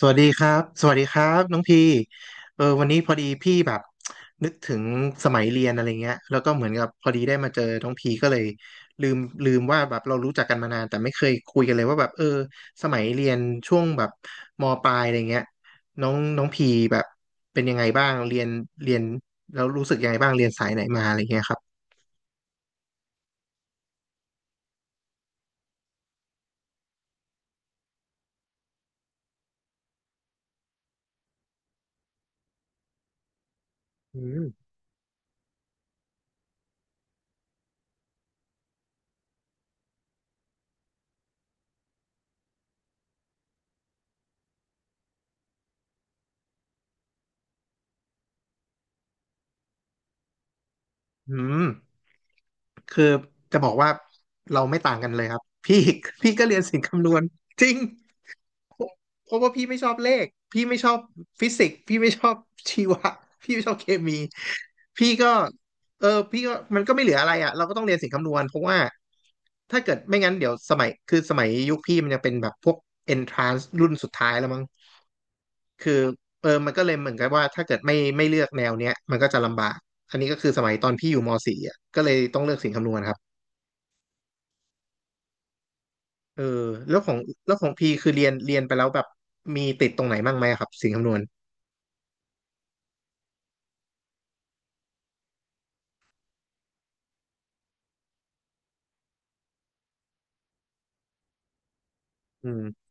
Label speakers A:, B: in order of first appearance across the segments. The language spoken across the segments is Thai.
A: สวัสดีครับสวัสดีครับน้องพีวันนี้พอดีพี่แบบนึกถึงสมัยเรียนอะไรเงี้ยแล้วก็เหมือนกับพอดีได้มาเจอน้องพีก็เลยลืมลืมว่าแบบเรารู้จักกันมานานแต่ไม่เคยคุยกันเลยว่าแบบเออสมัยเรียนช่วงแบบมปลายอะไรเงี้ยน้องน้องพีแบบเป็นยังไงบ้างเรียนแล้วรู้สึกยังไงบ้างเรียนสายไหนมาอะไรเงี้ยครับอืมอืมคือจะบอกว่าเราไม่ต่างกันเลยครับพี่พี่ก็เรียนสิ่งคำนวณจริง เพราะว่าพี่ไม่ชอบเลขพี่ไม่ชอบฟิสิกส์พี่ไม่ชอบชีวะ พี่ไม่ชอบเคมีพี่ก็พี่ก็มันก็ไม่เหลืออะไรอ่ะเราก็ต้องเรียนสิ่งคำนวณเพราะว่าถ้าเกิดไม่งั้นเดี๋ยวสมัยคือสมัยยุคพี่มันยังเป็นแบบพวก entrance รุ่นสุดท้ายแล้วมั้งคือมันก็เลยเหมือนกับว่าถ้าเกิดไม่เลือกแนวเนี้ยมันก็จะลำบากอันนี้ก็คือสมัยตอนพี่อยู่ม .4 อ่ะก็เลยต้องเลือกสิ่งคำนวณครับเออแล้วของแล้วของพี่คือเรียนไปแล้วแบบมีติดตรงไหนบ้างไหมครับสิ่งคำนวณอืม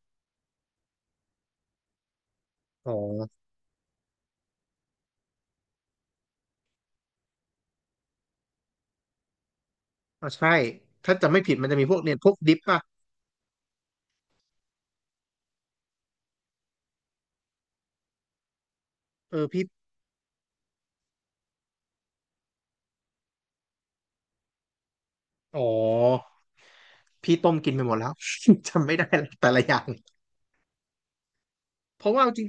A: อ๋ออ่ะใช่ถ้าจะไม่ผิดมันจะมีพวกเนี่ยพวกดิปป่ะเออพี่อ๋อพี่ต้มกินไปหมดแล้ว จำไม่ได้ละแต่ละอย่างเพราะว่าจริง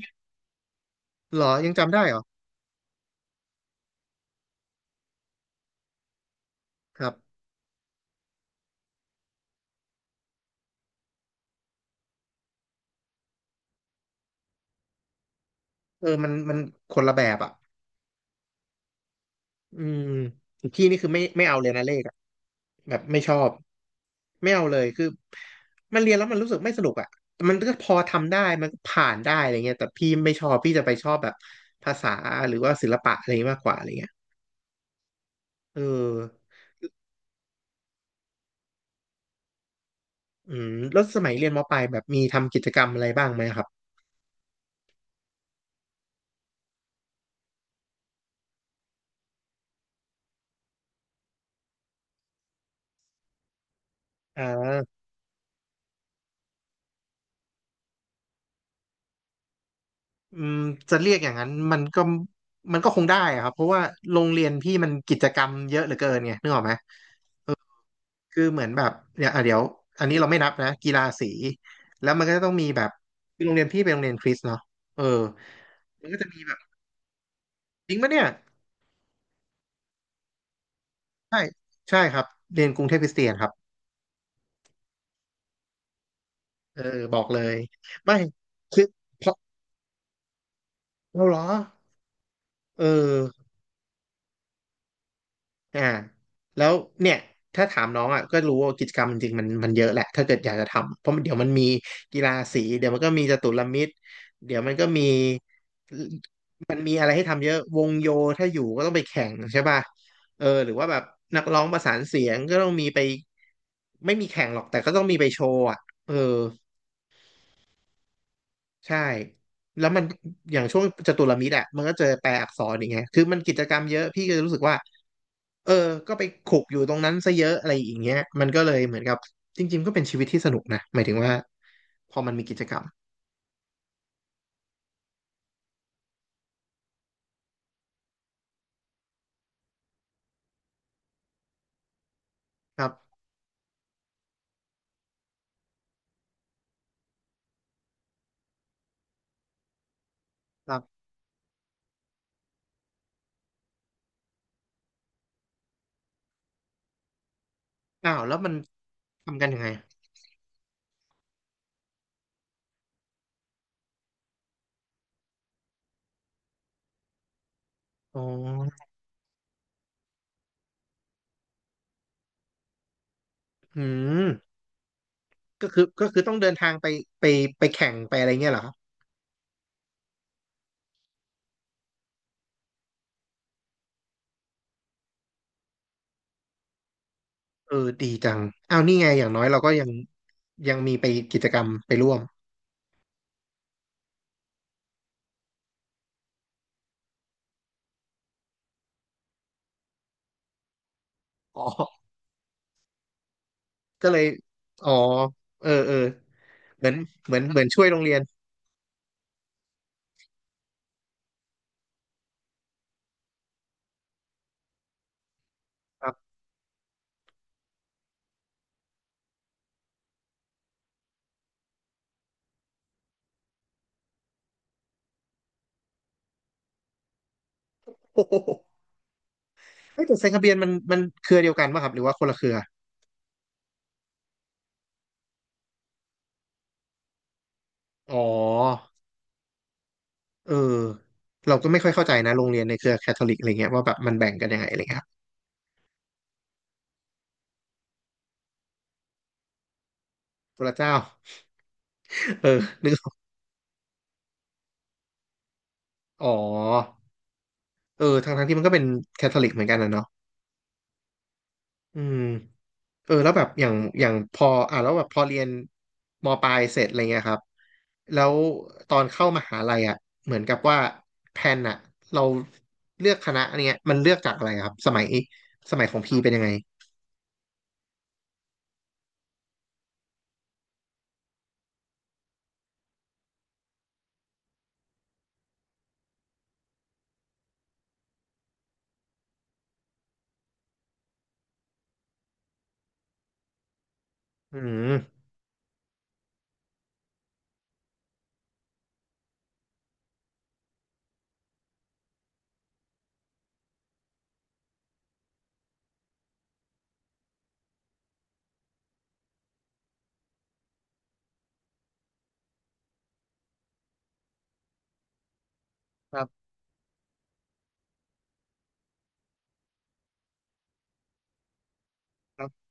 A: เหรอยังจำได้เหรอครับมันคนละแบบอ่ะอืมพี่นี่คือไม่เอาเลยนะเลขอ่ะแบบไม่ชอบไม่เอาเลยคือมันเรียนแล้วมันรู้สึกไม่สนุกอ่ะมันก็พอทำได้มันก็ผ่านได้อะไรเงี้ยแต่พี่ไม่ชอบพี่จะไปชอบแบบภาษาหรือว่าศิลปะอะไรองี้ยมากกว่าอะไรเงี้ยเออ อืมแล้วสมัยเรียนมปลายแบบมีทำกิจกรรมอะไรบ้างไหมครับอ่าอืมจะเรียกอย่างนั้นมันก็มันก็คงได้อะครับเพราะว่าโรงเรียนพี่มันกิจกรรมเยอะเหลือเกินไงนึกออกไหมคือเหมือนแบบเดี๋ยวอ่ะเดี๋ยวอันนี้เราไม่นับนะกีฬาสีแล้วมันก็จะต้องมีแบบคือโรงเรียนพี่เป็นโรงเรียนคริสต์เนาะเออมันก็จะมีแบบจริงปะเนี่ยใช่ใช่ครับเรียนกรุงเทพคริสเตียนครับเออบอกเลยไม่คือเพราะเราเหรอเออ อ่าแล้วเนี่ยถ้าถามน้องอ่ะก็รู้ว่ากิจกรรมจริงๆมันมันเยอะแหละถ้าเกิดอยากจะทำเพราะมันเดี๋ยวมันมีกีฬาสีเดี๋ยวมันก็มีจตุรมิตรเดี๋ยวมันก็มีมันมีอะไรให้ทำเยอะวงโยถ้าอยู่ก็ต้องไปแข่งใช่ป่ะหรือว่าแบบนักร้องประสานเสียงก็ต้องมีไปไม่มีแข่งหรอกแต่ก็ต้องมีไปโชว์อ่ะเออ ใช่แล้วมันอย่างช่วงจตุรมิตรอ่ะมันก็เจอแปลอักษรอย่างเงี้ยคือมันกิจกรรมเยอะพี่ก็จะรู้สึกว่าเออก็ไปขลุกอยู่ตรงนั้นซะเยอะอะไรอย่างเงี้ยมันก็เลยเหมือนกับจริงๆก็เป็นชีวิตที่สนุกนะหมายถึงว่าพอมันมีกิจกรรมครับครับอ้าวแล้วมันทำกันยังไงอ๋ออืมก็คือก็คือต้องเดินทางไปไปไปแข่งไปอะไรเงี้ยเหรอครับเออดีจังอ้าวนี่ไงอย่างน้อยเราก็ยังยังมีไปกิจกรรมไปร่วมอ๋อก็เลยอ๋อเออเออ เหมือนเหมือนช่วยโรงเรียนครับ โอ้โหเฮ้ยแต่ไซคาเบียนมันเครือเดียวกันป่ะครับหรือว่าคนละเครือ อ๋อเออเราก็ไม่ค่อยเข้าใจนะโรงเรียนในเครือแคทอลิกอะไรเงี้ยว่าแบบมันแบ่งกันยังไงอะไรเงี้ยครับพระเจ้า เออนึกออกอ๋อเออทั้งที่มันก็เป็นแคทอลิกเหมือนกันนะเนาะอืม เออแล้วแบบอย่างพออ่ะแล้วแบบพอเรียนมปลายเสร็จอะไรเงี้ยครับแล้วตอนเข้ามหาลัยอ่ะเหมือนกับว่าแพลนอ่ะเราเลือกคณะอันเนี้ยมันเลือกจากอะไรครับสมัยของพี่เป็นยังไงอืมครับครับ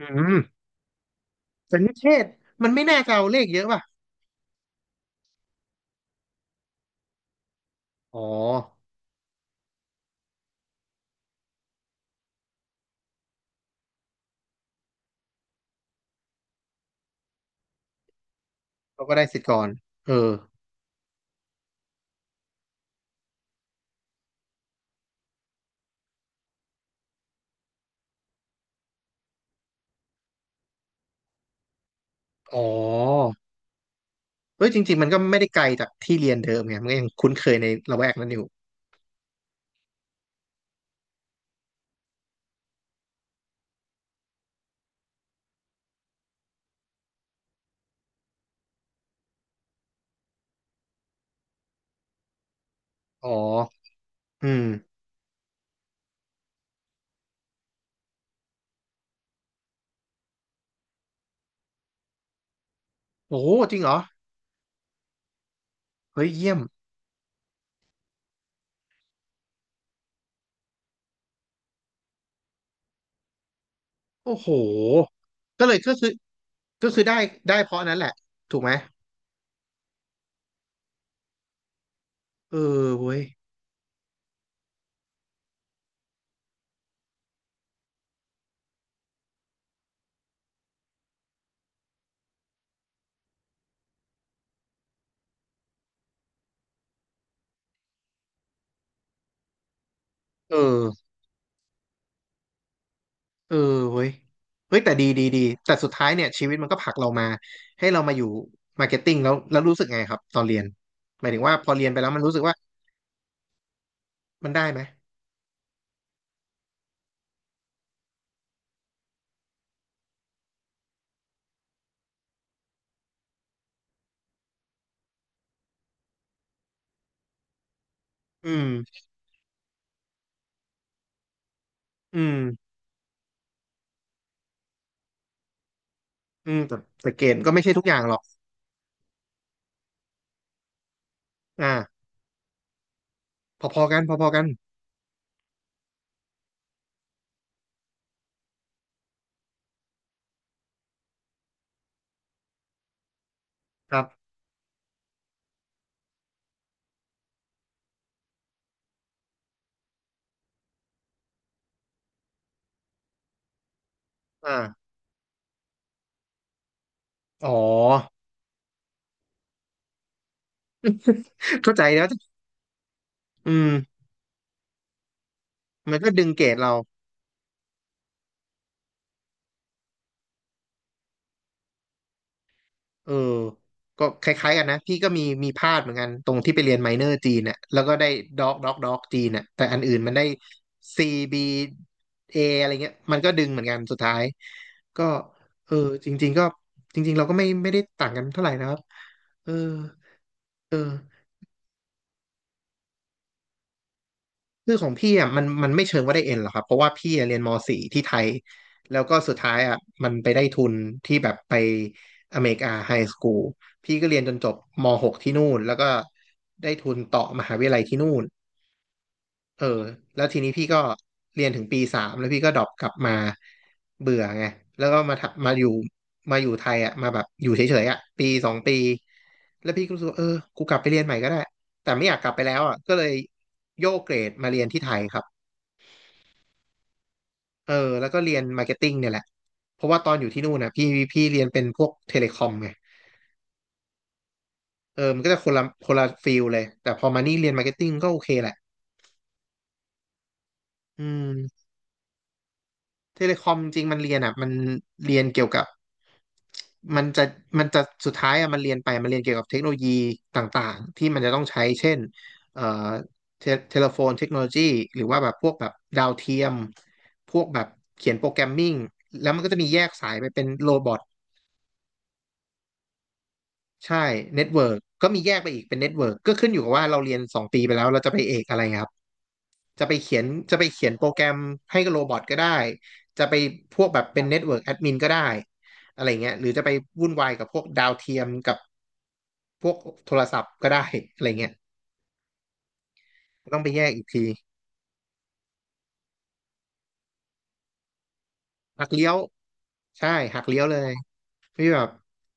A: อืมเปรนิเทศมันไม่น่าจะเอาเลขเยอะป่ะอ๋อเราก็ได้สิทธิ์ก่อนเอออ๋อเอ้ยจริงๆมันก็ไม่ได้ไกลจากที่เรียนเดิมไงมันก็ยังคุ้นเคยในละแวกนั้นอยู่อ๋ออืมโอ้จริงเหรอเฮ้ยเยี่ยม โอ้โห ก็เลยก็คือก็คือได้เพราะนั้นแหละถูกไหมเออเว้ยเออเออเว้ยเฮ้ยแต่ดีแต่สุดท้ายเนี่ยชีวิตมันก็ผลักเรามาให้เรามาอยู่มาร์เก็ตติ้งแล้วรู้สึกไงครับตอนเรียนหมายถึงว่าพอเรียนไปแล้วมันรู้สึกว่ามันได้ไหมอืมอืมอืมแต่แต่เกรดก็ไม่ใช่ทุกอย่างหรอกอ่าพอๆกันพอๆกันครับอ่าอ๋อ เข้าใจแล้วอืมมันก็ดึงเกรดเรา เออก็คล้ายๆกันนะ พี่ก็มีมีพลาดเหมือนกัน ตรงที่ไปเรียนไมเนอร์จีนน่ะแล้วก็ได้ด็อกจีนน่ะแต่อันอื่นมันได้ C B A อะไรเงี้ย มันก็ดึงเหมือนกันสุดท้ายก็เออจริงๆก็จริงๆเราก็ไม่ได้ต่างกันเท่าไหร่นะครับเออเออ คือของพี่อ่ะมันไม่เชิงว่าได้เอ็นหรอกครับเพราะว่าพี่อะเรียนม .4 ที่ไทยแล้วก็สุดท้ายอ่ะมันไปได้ทุนที่แบบไปอเมริกาไฮสคูลพี่ก็เรียนจนจบม .6 ที่นู่นแล้วก็ได้ทุนต่อมหาวิทยาลัยที่นู่นเออแล้วทีนี้พี่ก็เรียนถึงปีสามแล้วพี่ก็ดรอปกลับมาเบื่อไงแล้วก็มาทำมาอยู่มาอยู่ไทยอ่ะมาแบบอยู่เฉยๆอ่ะปีสองปีแล้วพี่ก็รู้สึกว่าเออกูกลับไปเรียนใหม่ก็ได้แต่ไม่อยากกลับไปแล้วอ่ะก็เลยโยกเกรดมาเรียนที่ไทยครับ เออแล้วก็เรียนมาร์เก็ตติ้งเนี่ยแหละเพราะว่าตอนอยู่ที่นู่นนะพี่เรียนเป็นพวกเทเลคอมไงเออมันก็จะคนละคนละฟิลเลยแต่พอมานี่เรียนมาร์เก็ตติ้งก็โอเคแหละอืมเทเลคอมจริงๆมันเรียนอ่ะมันเรียนเกี่ยวกับมันจะมันจะสุดท้ายอ่ะมันเรียนไปมันเรียนเกี่ยวกับเทคโนโลยีต่างๆที่มันจะต้องใช้เช่นเอ่อเทเทเลโฟนเทคโนโลยีหรือว่าแบบพวกแบบดาวเทียมพวกแบบเขียนโปรแกรมมิ่งแล้วมันก็จะมีแยกสายไปเป็นโรบอท ใช่เน็ตเวิร์กก็มีแยกไปอีกเป็นเน็ตเวิร์กก็ขึ้นอยู่กับว่าเราเรียนสองปีไปแล้วเราจะไปเอกอะไรครับจะไปเขียนจะไปเขียนโปรแกรมให้กับโรบอทก็ได้จะไปพวกแบบเป็นเน็ตเวิร์กแอดมินก็ได้อะไรเงี้ยหรือจะไปวุ่นวายกับพวกดาวเทียมกับพวกโทรศัพท์ก็ได้อะไรเงี้ยต้องไปแยกอีกทีหักเลี้ยวใช่หักเลี้ยวเลยไม่แบบ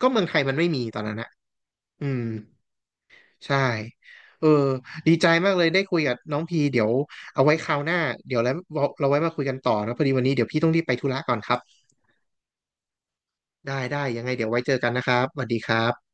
A: ก็เมืองไทยมันไม่มีตอนนั้นอะอืม ใช่เออดีใจมากเลยได้คุยกับน้องพีเดี๋ยวเอาไว้คราวหน้า เดี๋ยวแล้วเราไว้มาคุยกันต่อนะพอดีวันนี้เดี๋ยวพี่ต้องรีบไปธุระก่อนครับได้ยังไงเดี๋ยวไว้เจอกันนะครับสวัสดีครับ